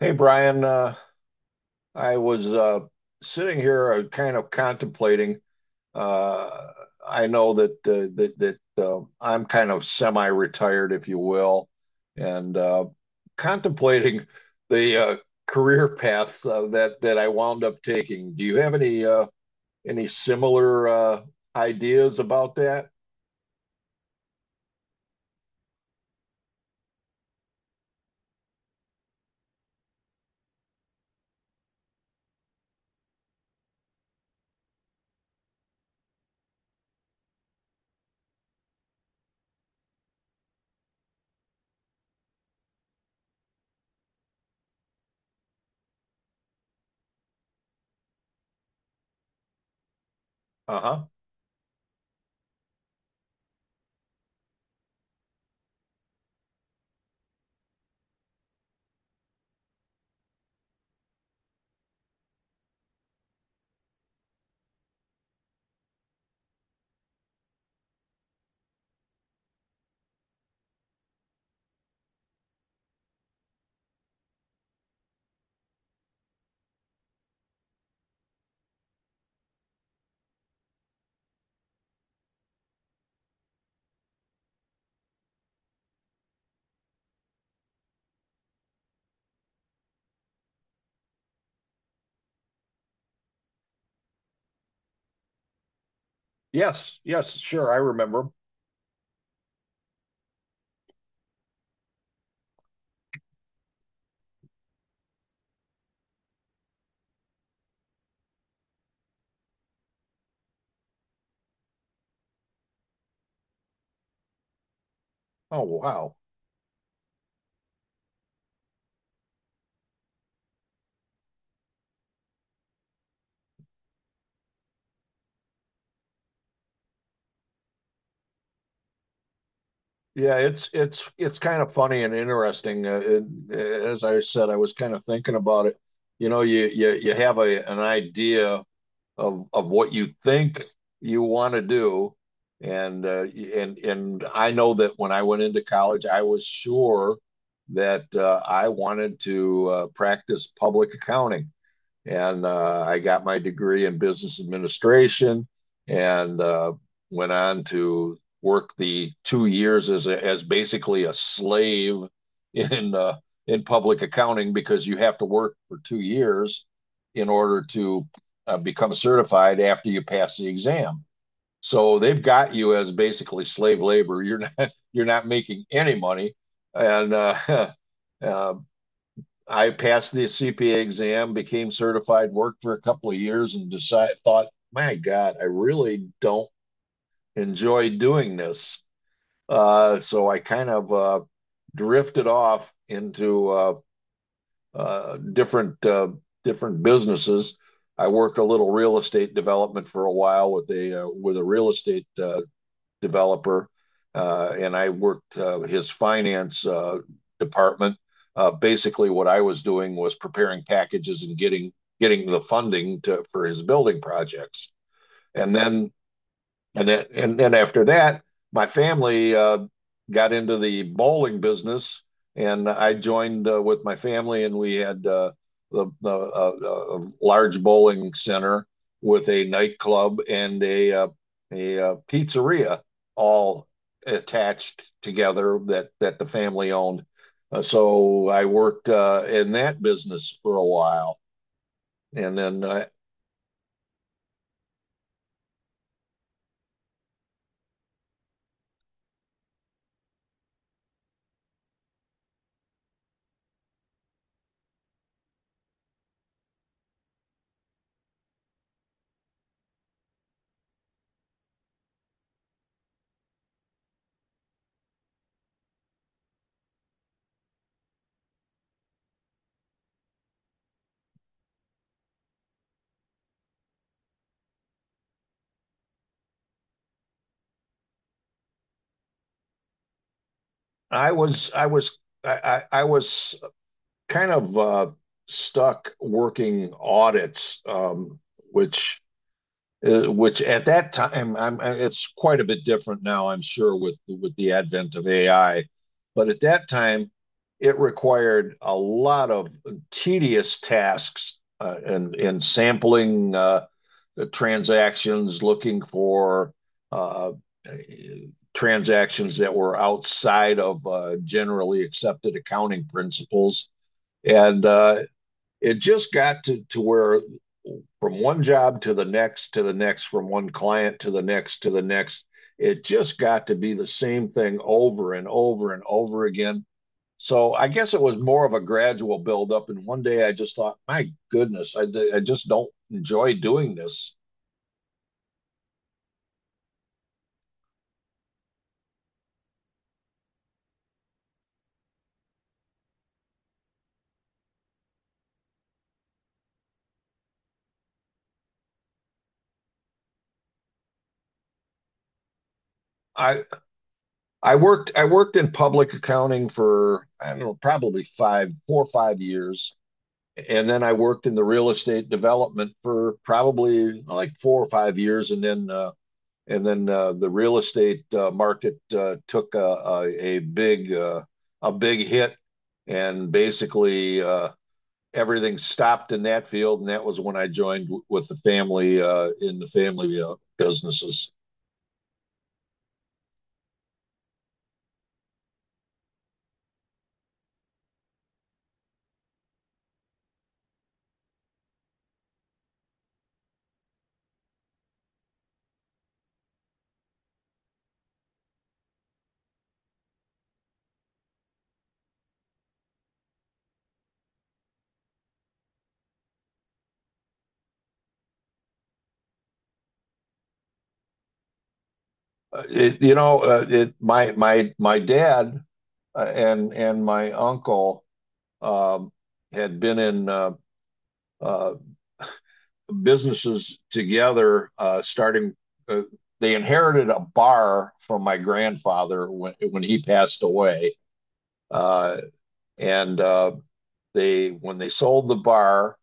Hey Brian, I was sitting here kind of contemplating. Uh, I know that I'm kind of semi-retired, if you will, and contemplating the career path that I wound up taking. Do you have any any similar ideas about that? Uh-huh. Yes, yes, sure, I remember. Oh, wow. Yeah, it's kind of funny and interesting. As I said, I was kind of thinking about it. You you have a an idea of what you think you want to do, and I know that when I went into college, I was sure that I wanted to practice public accounting. And I got my degree in business administration and went on to work the 2 years as basically a slave in in public accounting because you have to work for 2 years in order to become certified after you pass the exam. So they've got you as basically slave labor. You're not you're not making any money, and uh, I passed the CPA exam, became certified, worked for a couple of years, and decided thought, my God, I really don't enjoy doing this. So I kind of drifted off into uh, different uh, different businesses. I work a little real estate development for a while with a real estate developer, and I worked his finance department. Basically, what I was doing was preparing packages and getting the funding for his building projects. And then and then after that, my family got into the bowling business, and I joined with my family, and we had the large bowling center with a nightclub and a pizzeria all attached together that the family owned. So I worked in that business for a while, and then I was I was I was kind of stuck working audits, which which at that time it's quite a bit different now, I'm sure, with the advent of AI. But at that time, it required a lot of tedious tasks and sampling the transactions, looking for uh, transactions that were outside of generally accepted accounting principles and it just got to where, from one job to the next, from one client to the next, it just got to be the same thing over and over and over again. So I guess it was more of a gradual buildup. And one day I just thought, my goodness, I just don't enjoy doing this. I I worked in public accounting for, I don't know, probably five four or 5 years, and then I worked in the real estate development for probably like 4 or 5 years, and then the real estate market took a big hit, and basically everything stopped in that field, and that was when I joined with the family in the family businesses. It, you know, it My dad and my uncle um, had been in uh, businesses together, starting. Uh, they inherited a bar from my grandfather when he passed away, uh, and they when they sold the bar,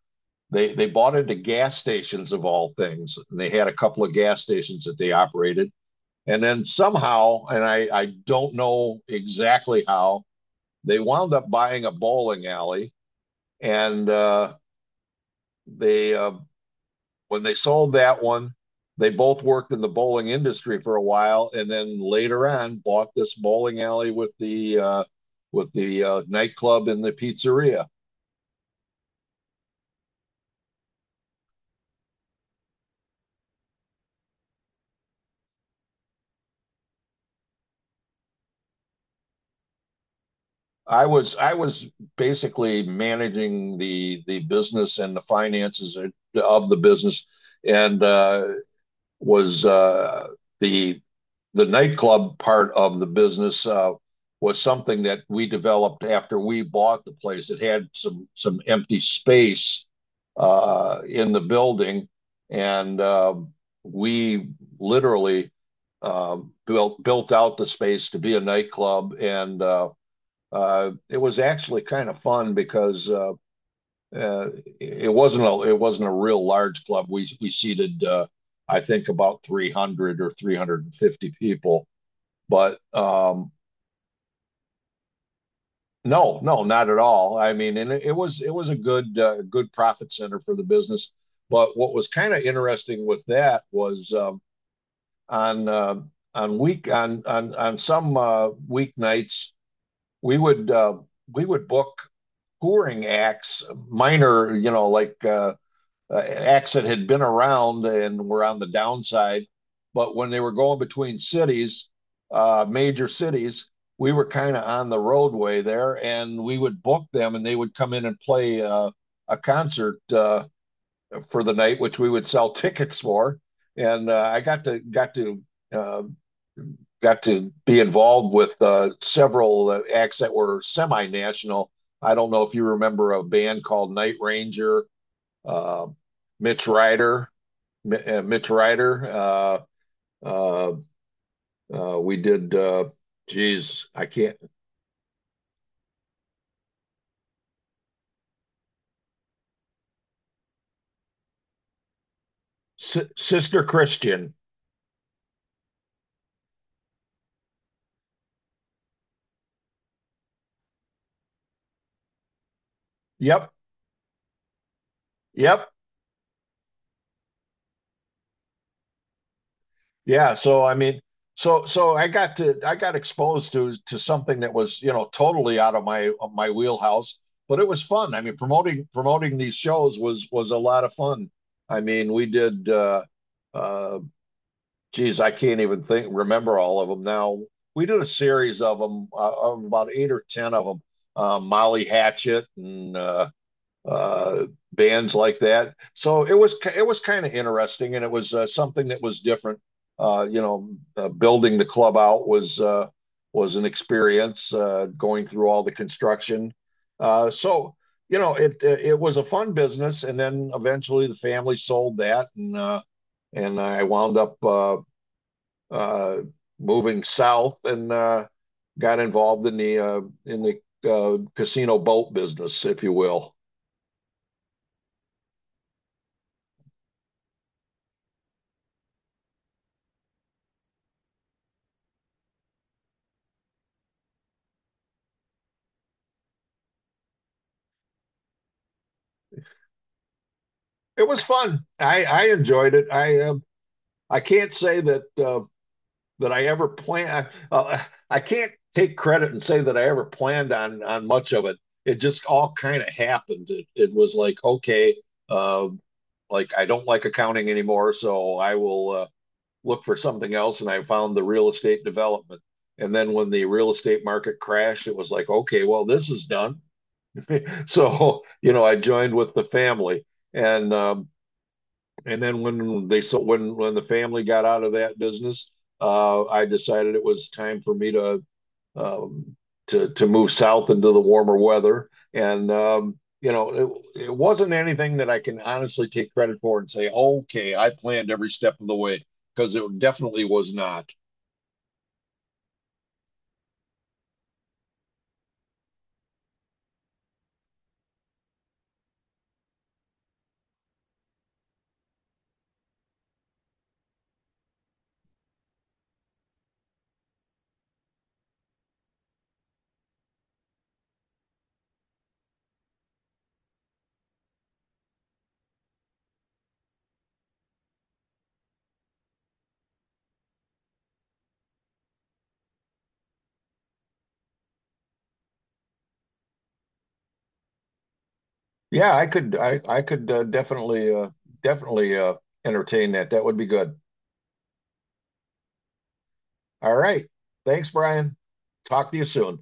they bought into gas stations, of all things, and they had a couple of gas stations that they operated, and then somehow, and I don't know exactly how, they wound up buying a bowling alley, and they, when they sold that one, they both worked in the bowling industry for a while, and then later on bought this bowling alley with the nightclub and the pizzeria. I was basically managing the business and the finances of the business, and was the the nightclub part of the business was something that we developed after we bought the place. It had some empty space in the building, and we literally uh, built out the space to be a nightclub. And It was actually kind of fun because, uh, it wasn't a real large club. We seated, I think, about 300 or 350 people, but no, no, not at all. I mean, and it was a good profit center for the business. But what was kind of interesting with that was, on uh, on some weeknights we would, book touring acts, minor, like acts that had been around and were on the downside. But when they were going between cities, major cities, we were kind of on the roadway there, and we would book them, and they would come in and play a concert for the night, which we would sell tickets for. And I got to got to uh, got to be involved with several acts that were semi-national. I don't know if you remember a band called Night Ranger, uh, Mitch Ryder, Mitch Ryder. Uh, we did. Geez, I can't. Si Sister Christian. Yep. Yep. Yeah. So I mean, so I got exposed to something that was, totally out of my wheelhouse, but it was fun. I mean, promoting these shows was a lot of fun. I mean, we did. Uh, Geez, I can't even think, remember all of them now. We did a series of them, of about 8 or 10 of them, Molly Hatchet and uh, bands like that. So it was kind of interesting, and it was something that was different. Uh, you know, Building the club out was an experience, going through all the construction. So, it was a fun business. And then eventually the family sold that, and I wound up uh, moving south and got involved in the casino boat business, if you will. It was fun. I enjoyed it. I can't say that that I ever planned. I can't take credit and say that I ever planned on much of it. It just all kind of happened. It was like, okay, uh, like, I don't like accounting anymore, so I will. Look for something else, and I found the real estate development. And then when the real estate market crashed, it was like, okay, well, this is done. So, I joined with the family. And um, and then when they when the family got out of that business, I decided it was time for me to um, move south into the warmer weather. And it wasn't anything that I can honestly take credit for and say, okay, I planned every step of the way, because it definitely was not. Yeah, I could definitely entertain that. That would be good. All right. Thanks, Brian. Talk to you soon.